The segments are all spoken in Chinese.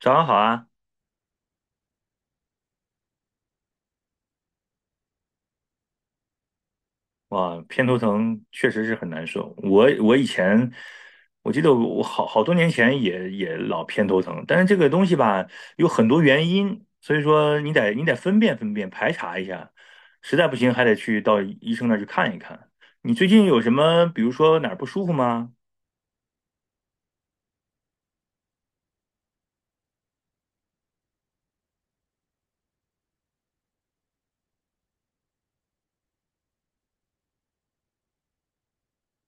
早上好啊！哇，偏头疼确实是很难受。我以前，我记得我好多年前也老偏头疼，但是这个东西吧，有很多原因，所以说你得分辨分辨，排查一下，实在不行还得去到医生那儿去看一看。你最近有什么，比如说哪儿不舒服吗？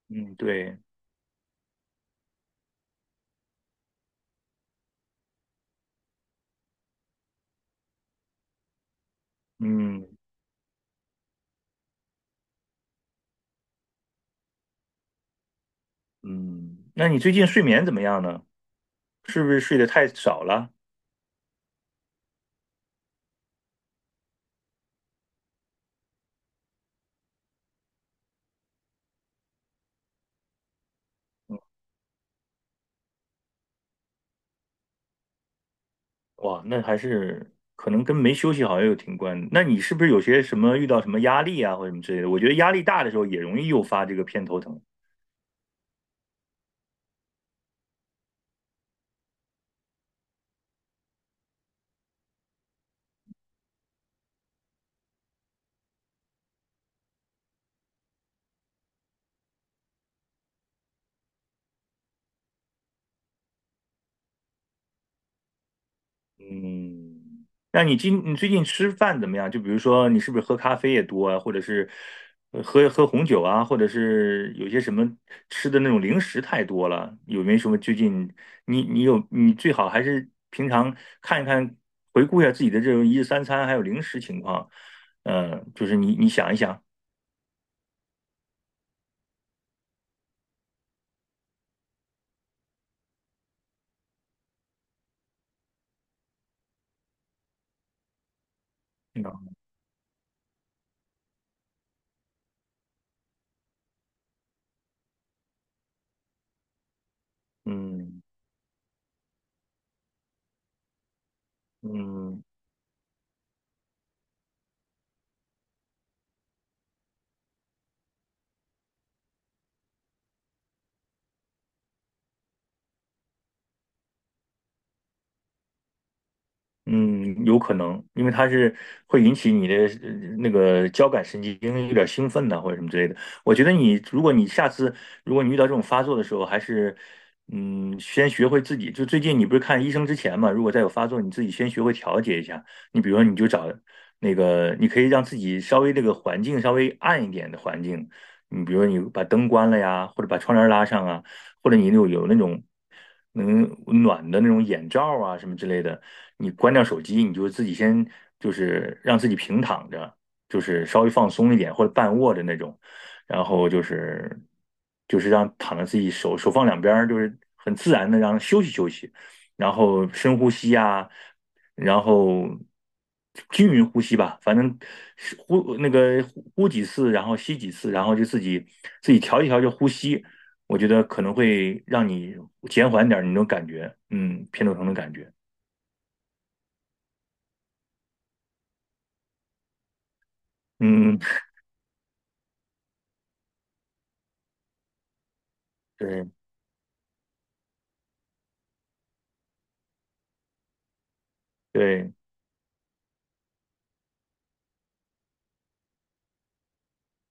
嗯，对，嗯嗯，那你最近睡眠怎么样呢？是不是睡得太少了？哇，那还是可能跟没休息好也有挺关。那你是不是有些什么遇到什么压力啊，或者什么之类的？我觉得压力大的时候也容易诱发这个偏头疼。嗯，那你最近吃饭怎么样？就比如说你是不是喝咖啡也多啊，或者是喝红酒啊，或者是有些什么吃的那种零食太多了？有没有什么最近你最好还是平常看一看，回顾一下自己的这种一日三餐还有零食情况。嗯，就是你想一想。嗯嗯嗯嗯，有可能，因为它是会引起你的呃那个交感神经有点兴奋呐、或者什么之类的。我觉得你，如果你如果你遇到这种发作的时候，还是先学会自己。就最近你不是看医生之前嘛，如果再有发作，你自己先学会调节一下。你比如说，你就找那个，你可以让自己稍微这个环境稍微暗一点的环境，你比如说你把灯关了呀，或者把窗帘拉上啊。或者你有那种能暖的那种眼罩啊什么之类的，你关掉手机，你就自己先就是让自己平躺着，就是稍微放松一点或者半卧着那种，然后就是让躺在自己手放两边儿，就是很自然的让休息休息，然后深呼吸啊，然后均匀呼吸吧，反正是呼那个呼呼几次，然后吸几次，然后就自己调一调就呼吸。我觉得可能会让你减缓点儿你那种感觉，偏头疼的感觉，嗯，对对。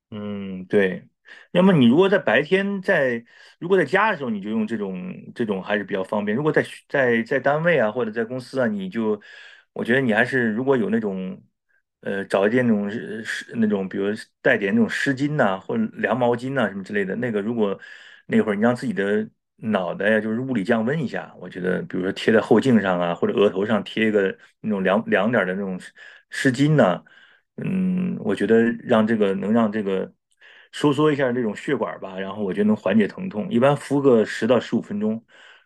嗯，对。要么你如果在白天在，如果在家的时候，你就用这种还是比较方便。如果在学在在单位啊，或者在公司啊，你就，我觉得你还是如果有那种，找一件那种是那种，比如带点那种湿巾呐、或者凉毛巾呐、什么之类的，那个如果那会儿你让自己的脑袋呀、就是物理降温一下，我觉得，比如说贴在后颈上啊，或者额头上贴一个那种凉凉点儿的那种湿巾呐、嗯，我觉得让这个能让这个收缩一下这种血管吧，然后我觉得能缓解疼痛。一般敷个10到15分钟，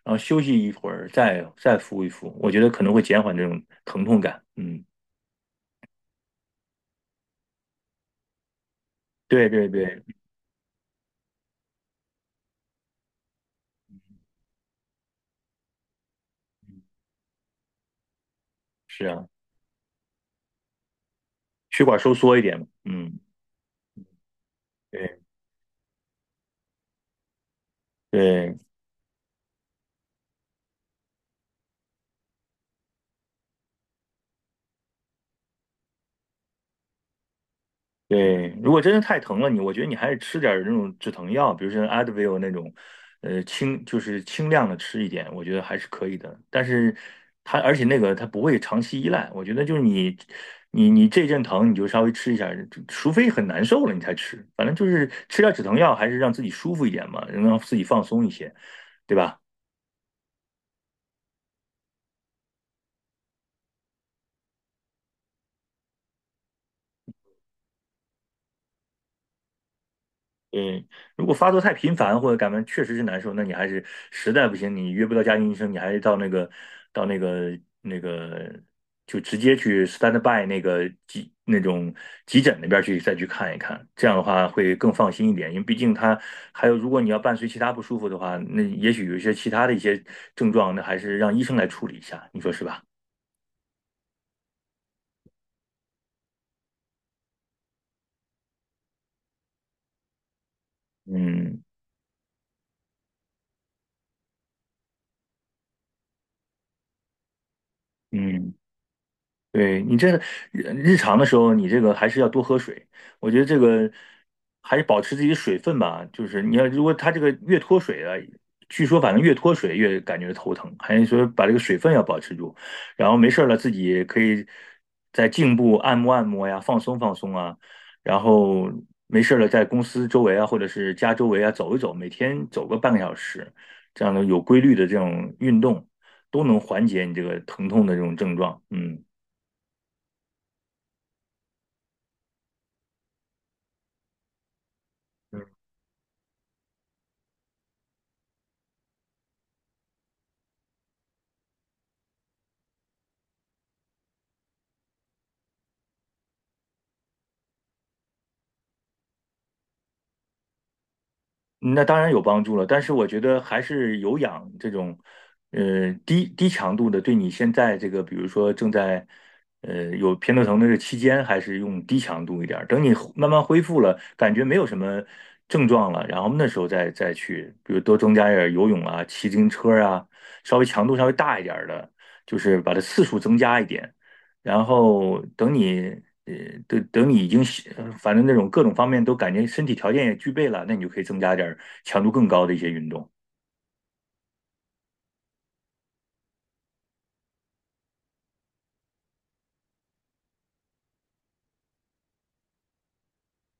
然后休息一会儿再敷一敷，我觉得可能会减缓这种疼痛感。嗯，对对对，是啊，血管收缩一点嘛。嗯，对对。对，如果真的太疼了你，我觉得你还是吃点儿那种止疼药，比如说 Advil 那种，轻就是轻量的吃一点，我觉得还是可以的。但是它而且那个它不会长期依赖，我觉得就是你这阵疼你就稍微吃一下，除非很难受了你才吃，反正就是吃点止疼药，还是让自己舒服一点嘛，能让自己放松一些，对吧？嗯，如果发作太频繁或者感冒确实是难受，那你还是实在不行，你约不到家庭医生，你还是到那个就直接去 stand by 那个急诊那边去再去看一看，这样的话会更放心一点，因为毕竟他还有如果你要伴随其他不舒服的话，那也许有一些其他的一些症状，那还是让医生来处理一下，你说是吧？嗯嗯。对，你这日常的时候，你这个还是要多喝水。我觉得这个还是保持自己的水分吧。就是你要如果它这个越脱水啊，据说反正越脱水越感觉头疼，还是说把这个水分要保持住。然后没事儿了，自己也可以在颈部按摩按摩呀，放松放松啊。然后没事儿了，在公司周围啊，或者是家周围啊走一走，每天走个半个小时，这样的有规律的这种运动，都能缓解你这个疼痛的这种症状。嗯。嗯那当然有帮助了，但是我觉得还是有氧这种，低强度的，对你现在这个，比如说正在，有偏头疼的这期间，还是用低强度一点儿。等你慢慢恢复了，感觉没有什么症状了，然后那时候再去，比如多增加一点儿游泳啊、骑自行车啊，稍微强度稍微大一点儿的，就是把它次数增加一点。然后等你呃等等你已经是反正那种各种方面都感觉身体条件也具备了，那你就可以增加点儿强度更高的一些运动。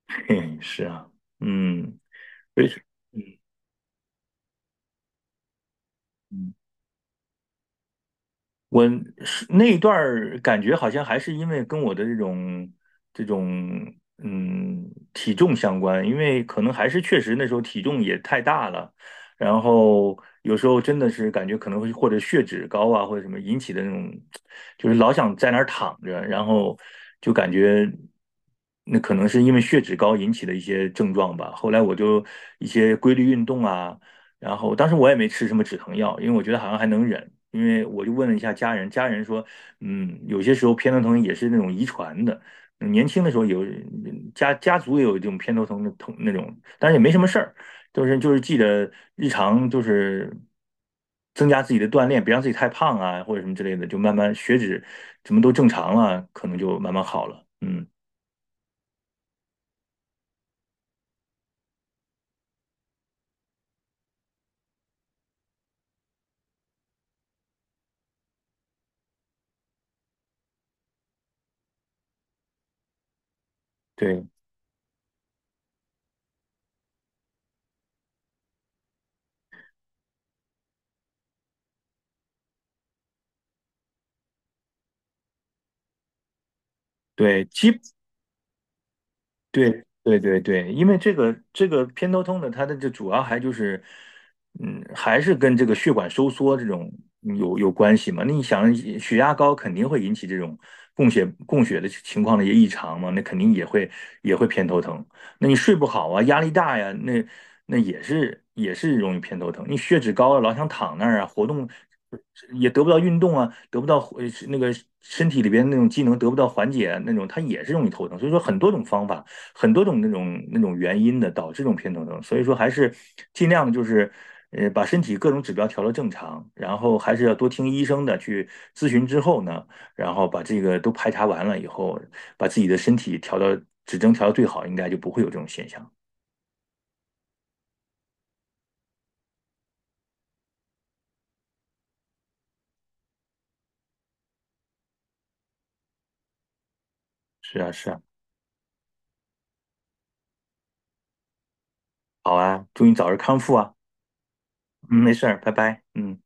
嘿，是啊，嗯。所以嗯嗯。我是那一段儿感觉好像还是因为跟我的这种嗯体重相关，因为可能还是确实那时候体重也太大了，然后有时候真的是感觉可能会或者血脂高啊或者什么引起的那种，就是老想在那儿躺着，然后就感觉那可能是因为血脂高引起的一些症状吧。后来我就一些规律运动啊。然后当时我也没吃什么止疼药，因为我觉得好像还能忍。因为我就问了一下家人，家人说，嗯，有些时候偏头疼也是那种遗传的，年轻的时候有家族也有这种偏头疼的那种，但是也没什么事儿，就是记得日常就是增加自己的锻炼，别让自己太胖啊或者什么之类的，就慢慢血脂什么都正常了，可能就慢慢好了。嗯，对对，对对对对，因为这个偏头痛呢，它的主要还就是，嗯，还是跟这个血管收缩这种有关系嘛。那你想，血压高肯定会引起这种供血的情况的一些异常嘛，那肯定也会偏头疼。那你睡不好啊，压力大呀，那也是容易偏头疼。你血脂高了，老想躺那儿啊，活动也得不到运动啊，得不到那个身体里边那种机能得不到缓解啊那种，它也是容易头疼。所以说很多种方法。很多种那种原因的导致这种偏头痛，所以说还是尽量就是把身体各种指标调到正常，然后还是要多听医生的去咨询之后呢，然后把这个都排查完了以后，把自己的身体指征调到最好，应该就不会有这种现象。是啊，是啊，好啊，祝你早日康复啊。嗯，没事儿，拜拜。嗯。